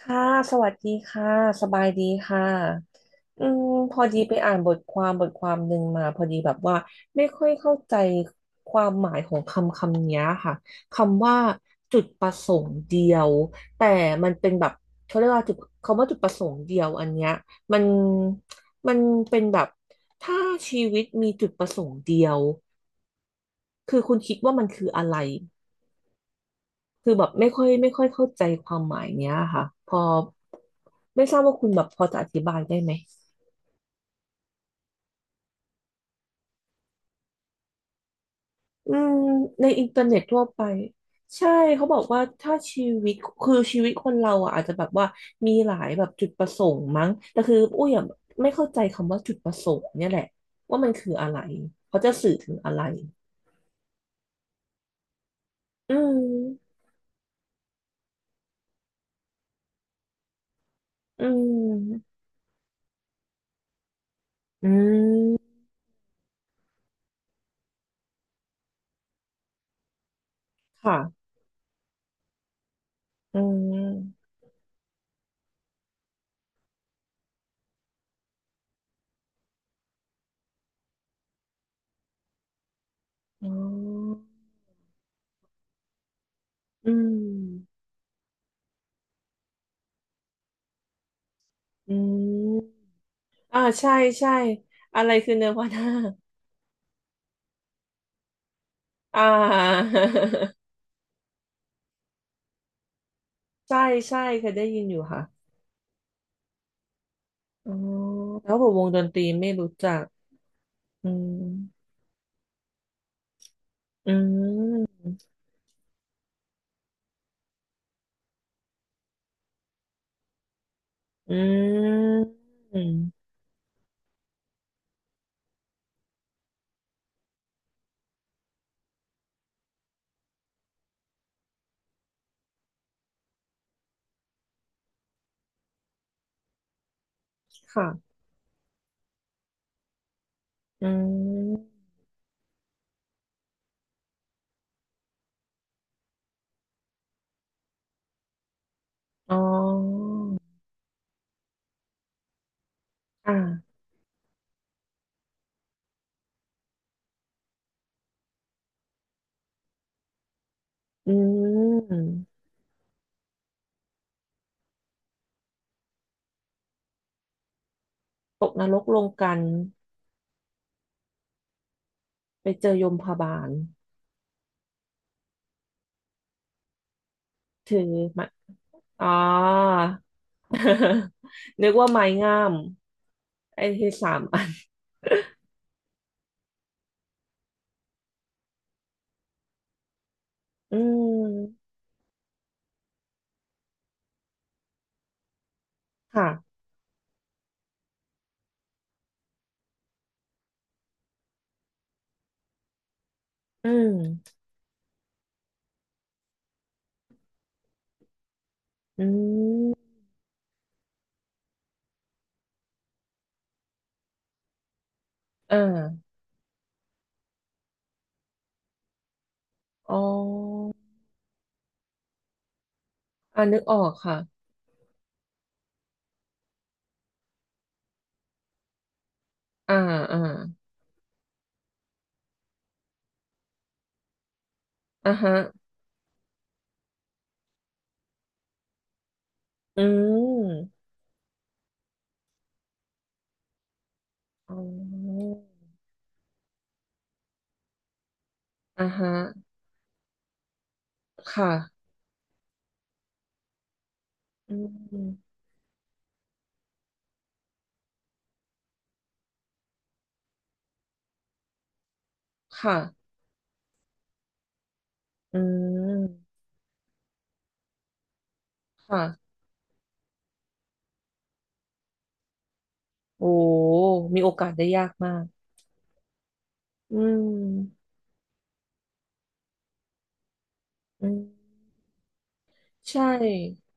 ค่ะสวัสดีค่ะ สบายดีค่ะอืมพอดีไปอ่านบทความหนึ่งมา พอดีแบบว่าไม่ค่อยเข้าใจความหมายของคำเนี้ยค่ะคำว่าจุดประสงค์เดียวแต่มันเป็นแบบเขาเรียกว่าจุดคำว่าจุดประสงค์เดียวอันเนี้ยมันมันเป็นแบบถ้าชีวิตมีจุดประสงค์เดียวคือคุณคิดว่ามันคืออะไร คือแบบไม่ค่อยเข้าใจความหมายเนี้ยค่ะพอไม่ทราบว่าคุณแบบพอจะอธิบายได้ไหมอืมในอินเทอร์เน็ตทั่วไปใช่เขาบอกว่าถ้าชีวิตคือชีวิตคนเราอ่ะอาจจะแบบว่ามีหลายแบบจุดประสงค์มั้งแต่คืออุ้ยอะไม่เข้าใจคำว่าจุดประสงค์เนี่ยแหละว่ามันคืออะไรเขาจะสื่อถึงอะไรอืมอืมอืมค่ะอืมอ๋ออืมอืม อ่าใช่ใช่อะไรคือเนวาน่า อ่า ใช่ใช่เคยได้ยินอยู่ค่ะอ๋อแล้วผมวงดนตรีไม่รู้จักอืมอืมอืมค่ะอืมอ๋ออ่าอืมตกนรกลงกันไปเจอยมพบาลถือไม้อ๋อ นึกว่าไม้งามไอ้ที่สามอัน อืมค่ะอืมอืมอ่าอ๋ออ่านึกออกค่ะอ่าอ่าอ่าฮะอืมอ๋ออ่าฮะค่ะอืมค่ะอืมค่ะโอ้มีโอกาสได้ยากมากอืมอืมใช่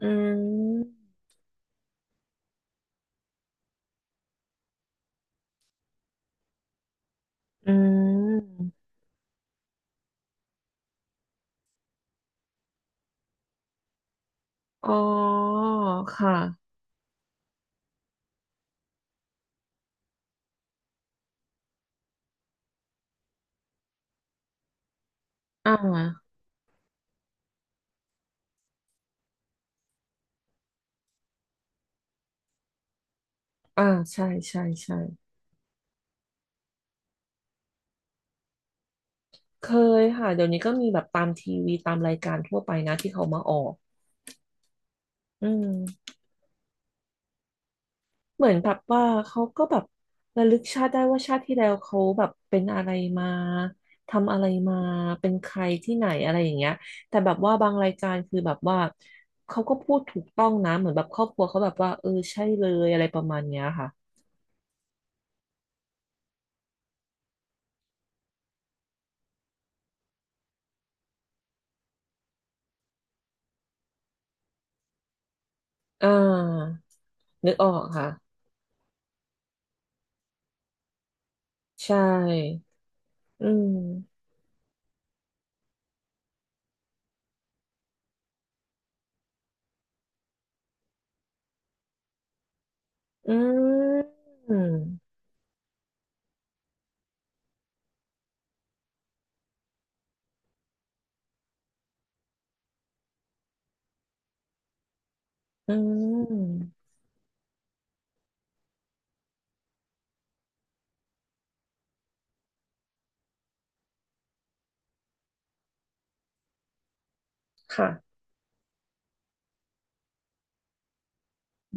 อืมอืมอ๋อค่ะอ่าอ่าใช่ใช่ใช่ เคยค่ะเดี๋ยวนี้ก็มีแบบตามทีวีตามรายการทั่วไปนะที่เขามาออกอืมเหมือนแบบว่าเขาก็แบบระลึกชาติได้ว่าชาติที่แล้วเขาแบบเป็นอะไรมาทำอะไรมาเป็นใครที่ไหนอะไรอย่างเงี้ยแต่แบบว่าบางรายการคือแบบว่าเขาก็พูดถูกต้องนะเหมือนแบบครอบครัวเขาแบบว่าเออใช่เลยอะไรประมาณเนี้ยค่ะอ่านึกออกค่ะใช่อืมอืมอืมค่ะ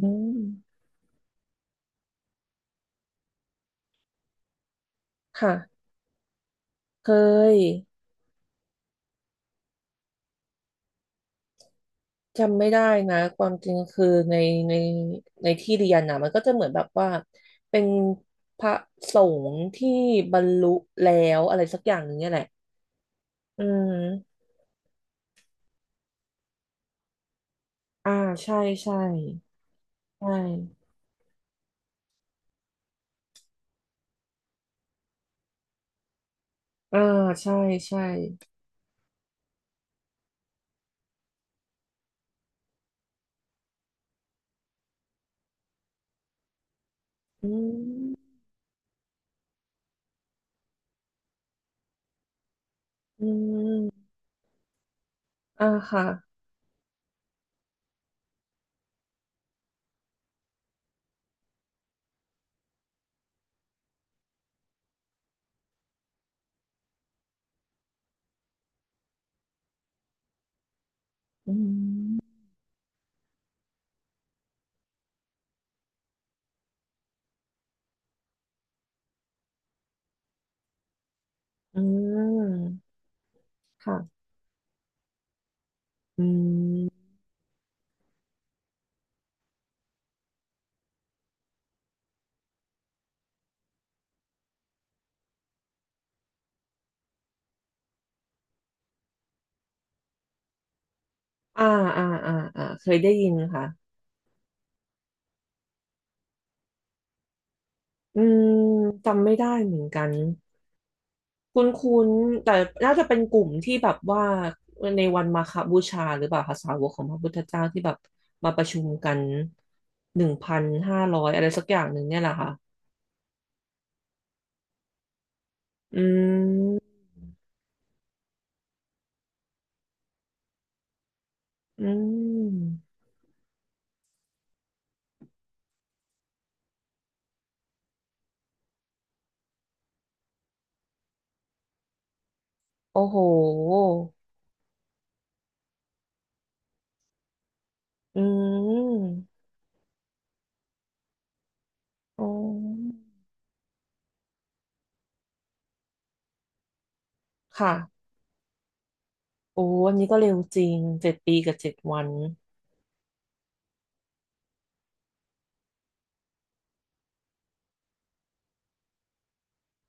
อืม ค่ะเคยจำไม่ได้นะความจริงคือในในในที่เรียนนะมันก็จะเหมือนแบบว่าเป็นพระสงฆ์ที่บรรลุแล้วอะไรสักอย่างหนึงเนี่ยแหละอืมอ่าใช่ใช่ใช่ อ่าใช่ใช่อืมอืมอ่าค่ะอืมอืมค่ะอืมอ่าอ่าอ่าอ่าเคยได้ยินค่ะอืมจำไม่ได้เหมือนกัน คุ้นคุ้นแต่น่าจะเป็นกลุ่มที่แบบว่าในวันมาฆบูชาหรือเปล่าคะสาวกของพระพุทธเจ้าที่แบบมาประชุมกัน1,500อะไรสักอย่างหนึ่งเนี่ยแหละค่ะอืมอืมโอ้โหอืมอ๋อค่ะโอ้อันนี้ก็เร็วจริง7 ปีกับ 7 วัน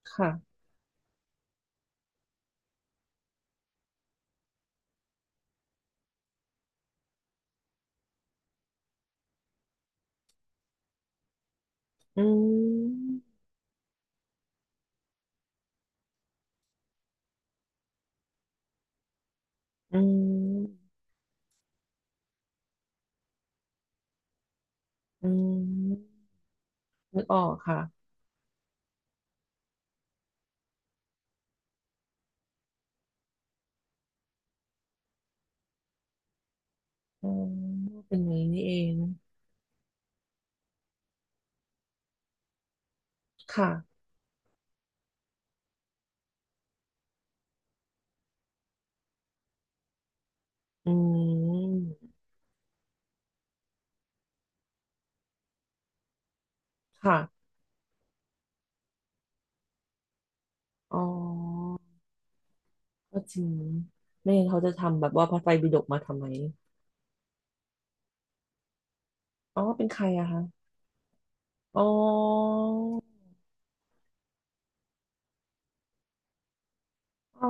ค่ะอืมอืมอืมนึกออกค่ะอ๋อเป็นอย่างนี้นี่เอง ค่ะ อืม ค่ะ อ๋อก็จริง ไม่งั้นเขาจะทำแบบว่าพระไตรปิฎกมาทำไม อ๋อ เป็นใครอะคะอ๋ออ๋อ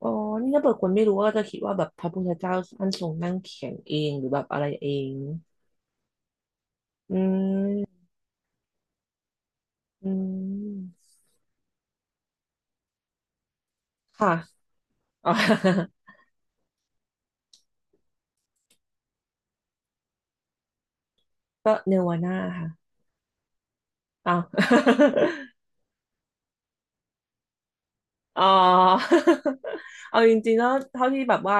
อ๋อ นี่ถ้าเปิดคนไม่รู้ก็จะคิดว่าแบบพระพุทธเจ้าท่านทรงนั่งเขียนเองหรือแบบอะไรเอง อืมอืมค่ะอ๋อ ก็เนวาน่าค่ะอ้าว อ๋อ เอาจริงๆแล้วเท่าที่แบบว่า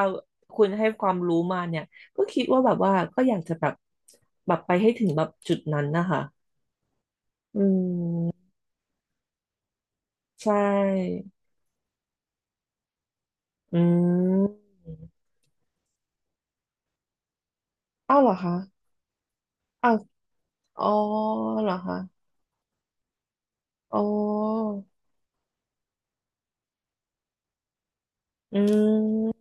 คุณให้ความรู้มาเนี่ยก็คิดว่าแบบว่าก็อยากจะแบบแบบไปให้ถึงแบบจุดนั้นนะคะอืมใช่อืมอ้าวเหรอคะอ้าวอ๋อเหรอคะอ๋ออืม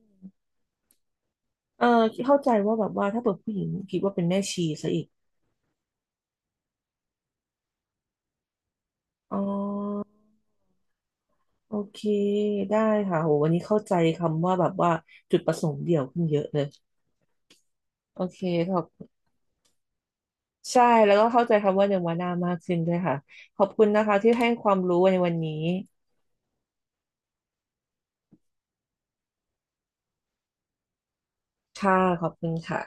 เออเข้าใจว่าแบบว่าถ้าเปิดผู้หญิงคิดว่าเป็นแม่ชีซะอีกอ๋อโอเคได้ค่ะโหวันนี้เข้าใจคำว่าแบบว่าจุดประสงค์เดี่ยวขึ้นเยอะเลยโอเคขอบ ใช่แล้วก็เข้าใจคำว่าเนวานามากขึ้นด้วยค่ะขอบคุณนะคะที่ให้ความรู้ในวันนี้ค่ะขอบคุณค่ะ